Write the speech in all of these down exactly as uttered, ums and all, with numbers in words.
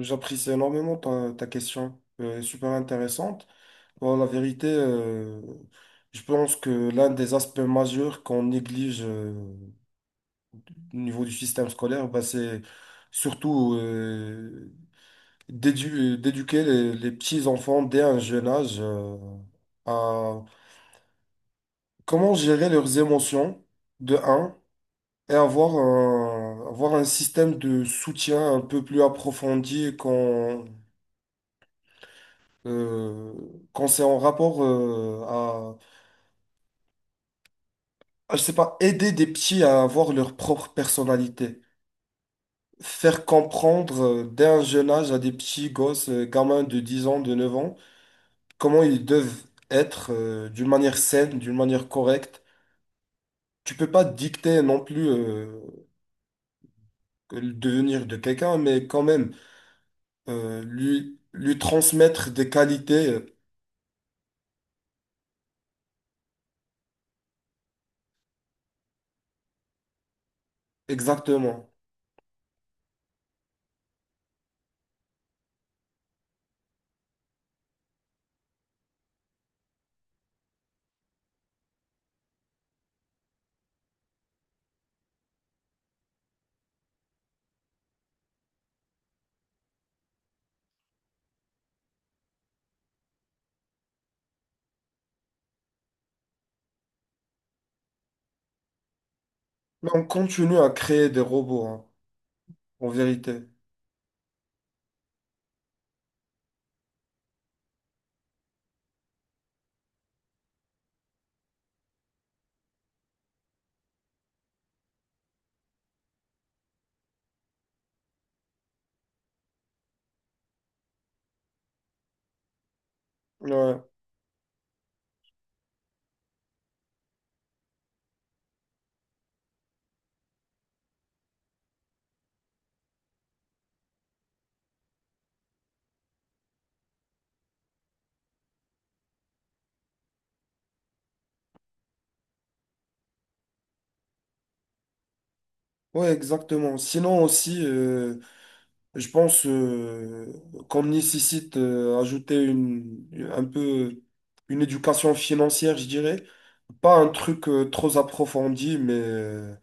J'apprécie énormément ta, ta question, euh, super intéressante. Bon, la vérité, euh, je pense que l'un des aspects majeurs qu'on néglige euh, au niveau du système scolaire, bah, c'est surtout euh, d'édu- d'éduquer les, les petits enfants dès un jeune âge euh, à comment gérer leurs émotions, de un, et avoir un, avoir un système de soutien un peu plus approfondi qu'on euh, quand c'est en rapport euh, à, à, je sais pas, aider des petits à avoir leur propre personnalité. Faire comprendre euh, dès un jeune âge à des petits gosses, euh, gamins de dix ans, de neuf ans, comment ils doivent être euh, d'une manière saine, d'une manière correcte. Tu peux pas dicter non plus euh, le devenir de quelqu'un, mais quand même euh, lui, lui transmettre des qualités euh, exactement. Mais on continue à créer des robots, hein, en vérité. Ouais. Ouais, exactement. Sinon aussi, euh, je pense euh, qu'on nécessite euh, ajouter une, un peu une éducation financière, je dirais. Pas un truc euh, trop approfondi, mais euh,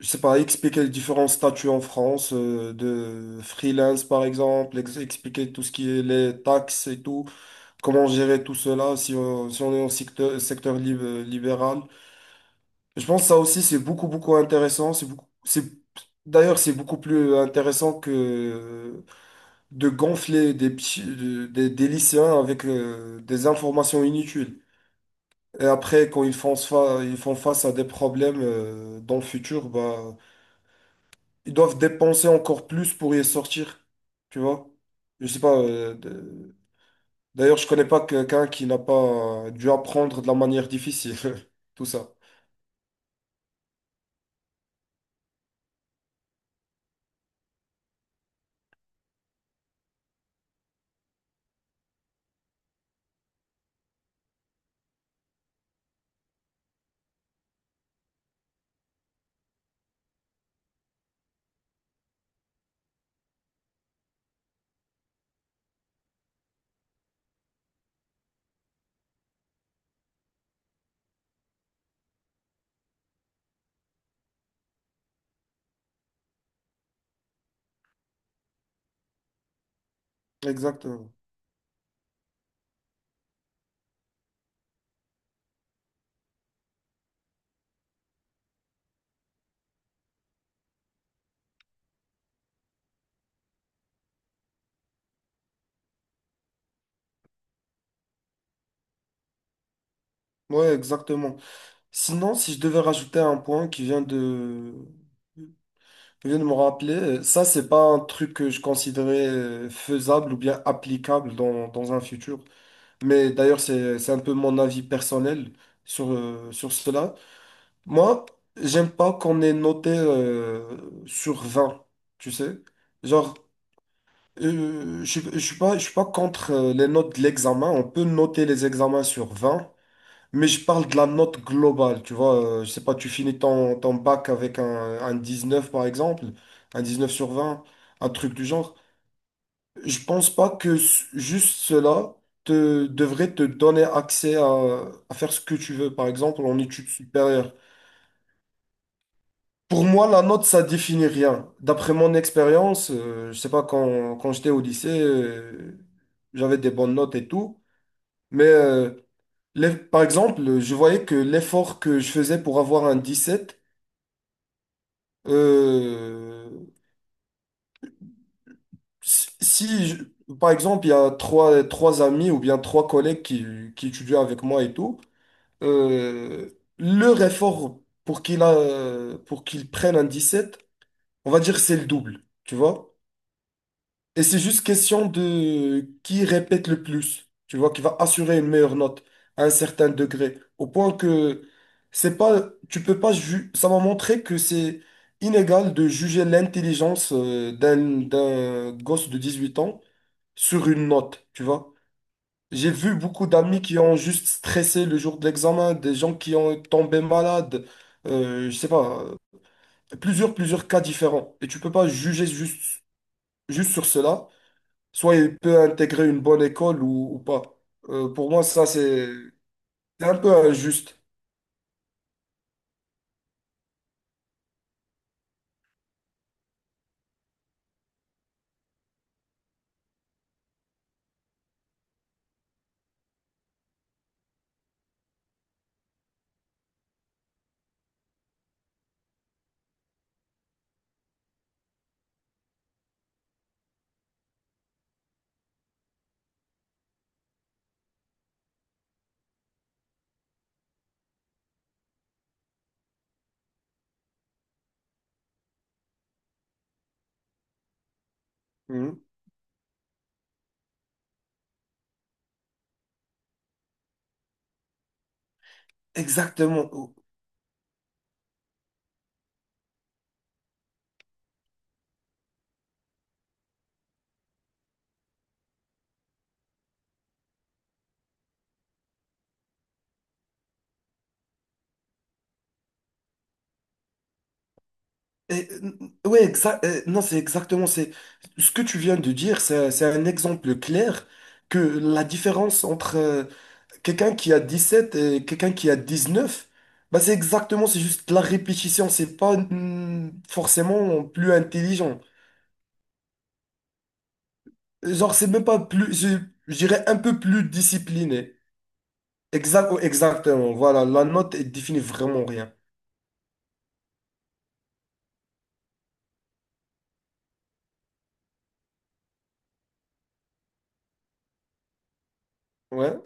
je sais pas, expliquer les différents statuts en France euh, de freelance par exemple, ex- expliquer tout ce qui est les taxes et tout, comment gérer tout cela si on, si on est en secteur, secteur lib- euh, libéral. Je pense que ça aussi, c'est beaucoup, beaucoup intéressant. C'est beaucoup, c'est, d'ailleurs, c'est beaucoup plus intéressant que de gonfler des, petits- de- des, des lycéens avec euh, des informations inutiles. Et après, quand ils font, fa- ils font face à des problèmes euh, dans le futur, bah, ils doivent dépenser encore plus pour y sortir. Tu vois? Je sais pas. Euh, de- D'ailleurs, je connais pas quelqu'un qui n'a pas dû apprendre de la manière difficile. Tout ça. Exactement. Ouais, exactement. Sinon, si je devais rajouter un point qui vient de, qui vient de me rappeler, euh, ça, c'est pas un truc que je considérais euh, faisable ou bien applicable dans, dans un futur. Mais d'ailleurs, c'est, c'est un peu mon avis personnel sur, euh, sur cela. Moi, j'aime pas qu'on ait noté euh, sur vingt, tu sais. Genre, euh, je, suis- je suis pas, je suis pas contre euh, les notes de l'examen. On peut noter les examens sur vingt. Mais je parle de la note globale, tu vois. Euh, je sais pas, tu finis ton, ton bac avec un, un dix-neuf par exemple, un dix-neuf sur vingt, un truc du genre. Je pense pas que s- juste cela te, devrait te donner accès à, à faire ce que tu veux, par exemple en études supérieures. Pour moi, la note, ça définit rien. D'après mon expérience, euh, je sais pas, quand, quand j'étais au lycée, euh, j'avais des bonnes notes et tout, mais euh, les- par exemple, je voyais que l'effort que je faisais pour avoir un dix-sept. Euh, si, si je- Par exemple, il y a trois, trois amis ou bien trois collègues qui, qui étudient avec moi et tout, euh, leur effort pour qu'il a, pour qu'il prenne un dix-sept, on va dire c'est le double, tu vois? Et c'est juste question de qui répète le plus, tu vois, qui va assurer une meilleure note à un certain degré. Au point que c'est pas, tu peux pas ju- ça m'a montré que c'est inégal de juger l'intelligence euh, d'un d'un gosse de dix-huit ans sur une note, tu vois. J'ai vu beaucoup d'amis qui ont juste stressé le jour de l'examen, des gens qui ont tombé malades, euh, je sais pas, euh, plusieurs, plusieurs cas différents. Et tu peux pas juger juste, juste sur cela soit il peut intégrer une bonne école ou, ou pas. Euh, pour moi, ça, c'est c'est un peu injuste. Mhm. Exactement. Et, euh, ouais, exa- euh, non, c'est exactement. C'est ce que tu viens de dire. C'est, c'est un exemple clair que la différence entre euh, quelqu'un qui a dix-sept et quelqu'un qui a dix neuf, bah, c'est exactement. C'est juste la répétition. C'est pas mm, forcément plus intelligent. Genre, c'est même pas plus. Je, je dirais un peu plus discipliné. Exact, ouais, exactement, voilà, la note, elle définit vraiment rien. Ouais.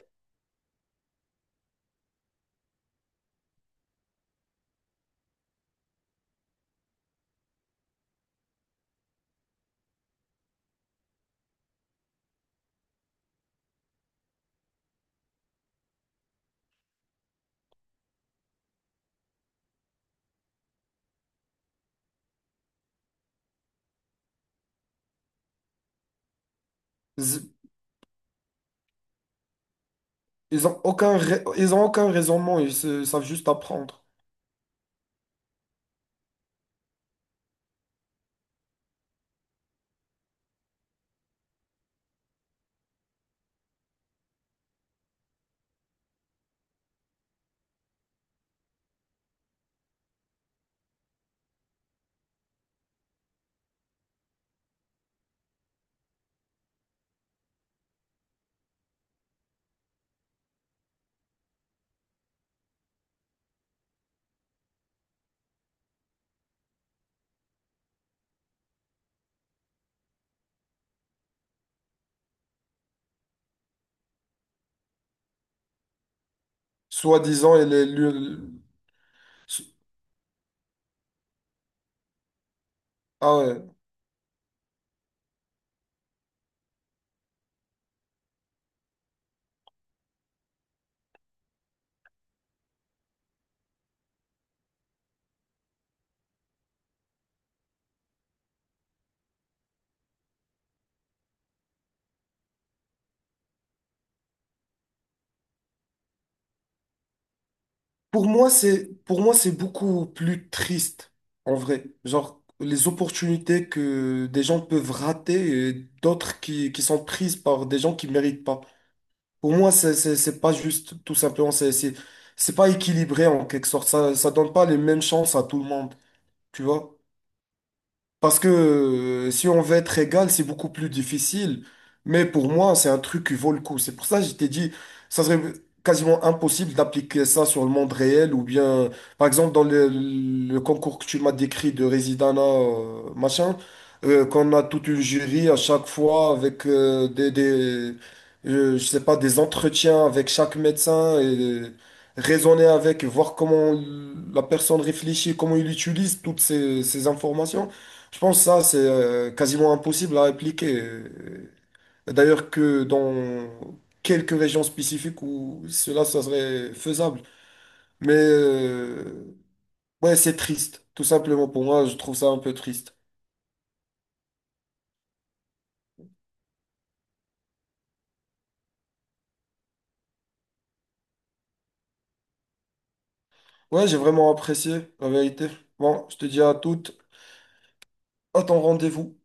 Z- Ils ont aucun, rai- ils ont aucun raisonnement, ils se- savent juste apprendre. Soi-disant, elle est. le- s- Ah ouais. Pour moi, c'est, pour moi, c'est beaucoup plus triste, en vrai. Genre, les opportunités que des gens peuvent rater et d'autres qui, qui sont prises par des gens qui méritent pas. Pour moi, c'est, c'est, c'est pas juste, tout simplement, c'est, c'est, c'est pas équilibré en quelque sorte. Ça, ça donne pas les mêmes chances à tout le monde, tu vois? Parce que euh, si on veut être égal, c'est beaucoup plus difficile. Mais pour moi, c'est un truc qui vaut le coup. C'est pour ça que je t'ai dit, ça serait quasiment impossible d'appliquer ça sur le monde réel ou bien, par exemple, dans le, le concours que tu m'as décrit de Residana, euh, machin, euh, qu'on a toute une jury à chaque fois avec euh, des, des euh, je sais pas, des entretiens avec chaque médecin et euh, raisonner avec, voir comment la personne réfléchit, comment il utilise toutes ces ces informations. Je pense que ça, c'est euh, quasiment impossible à appliquer. Euh, D'ailleurs que dans quelques régions spécifiques où cela, ça serait faisable. Mais euh, ouais, c'est triste, tout simplement pour moi, je trouve ça un peu triste. Ouais, j'ai vraiment apprécié, la vérité. Bon, je te dis à toutes, à ton rendez-vous.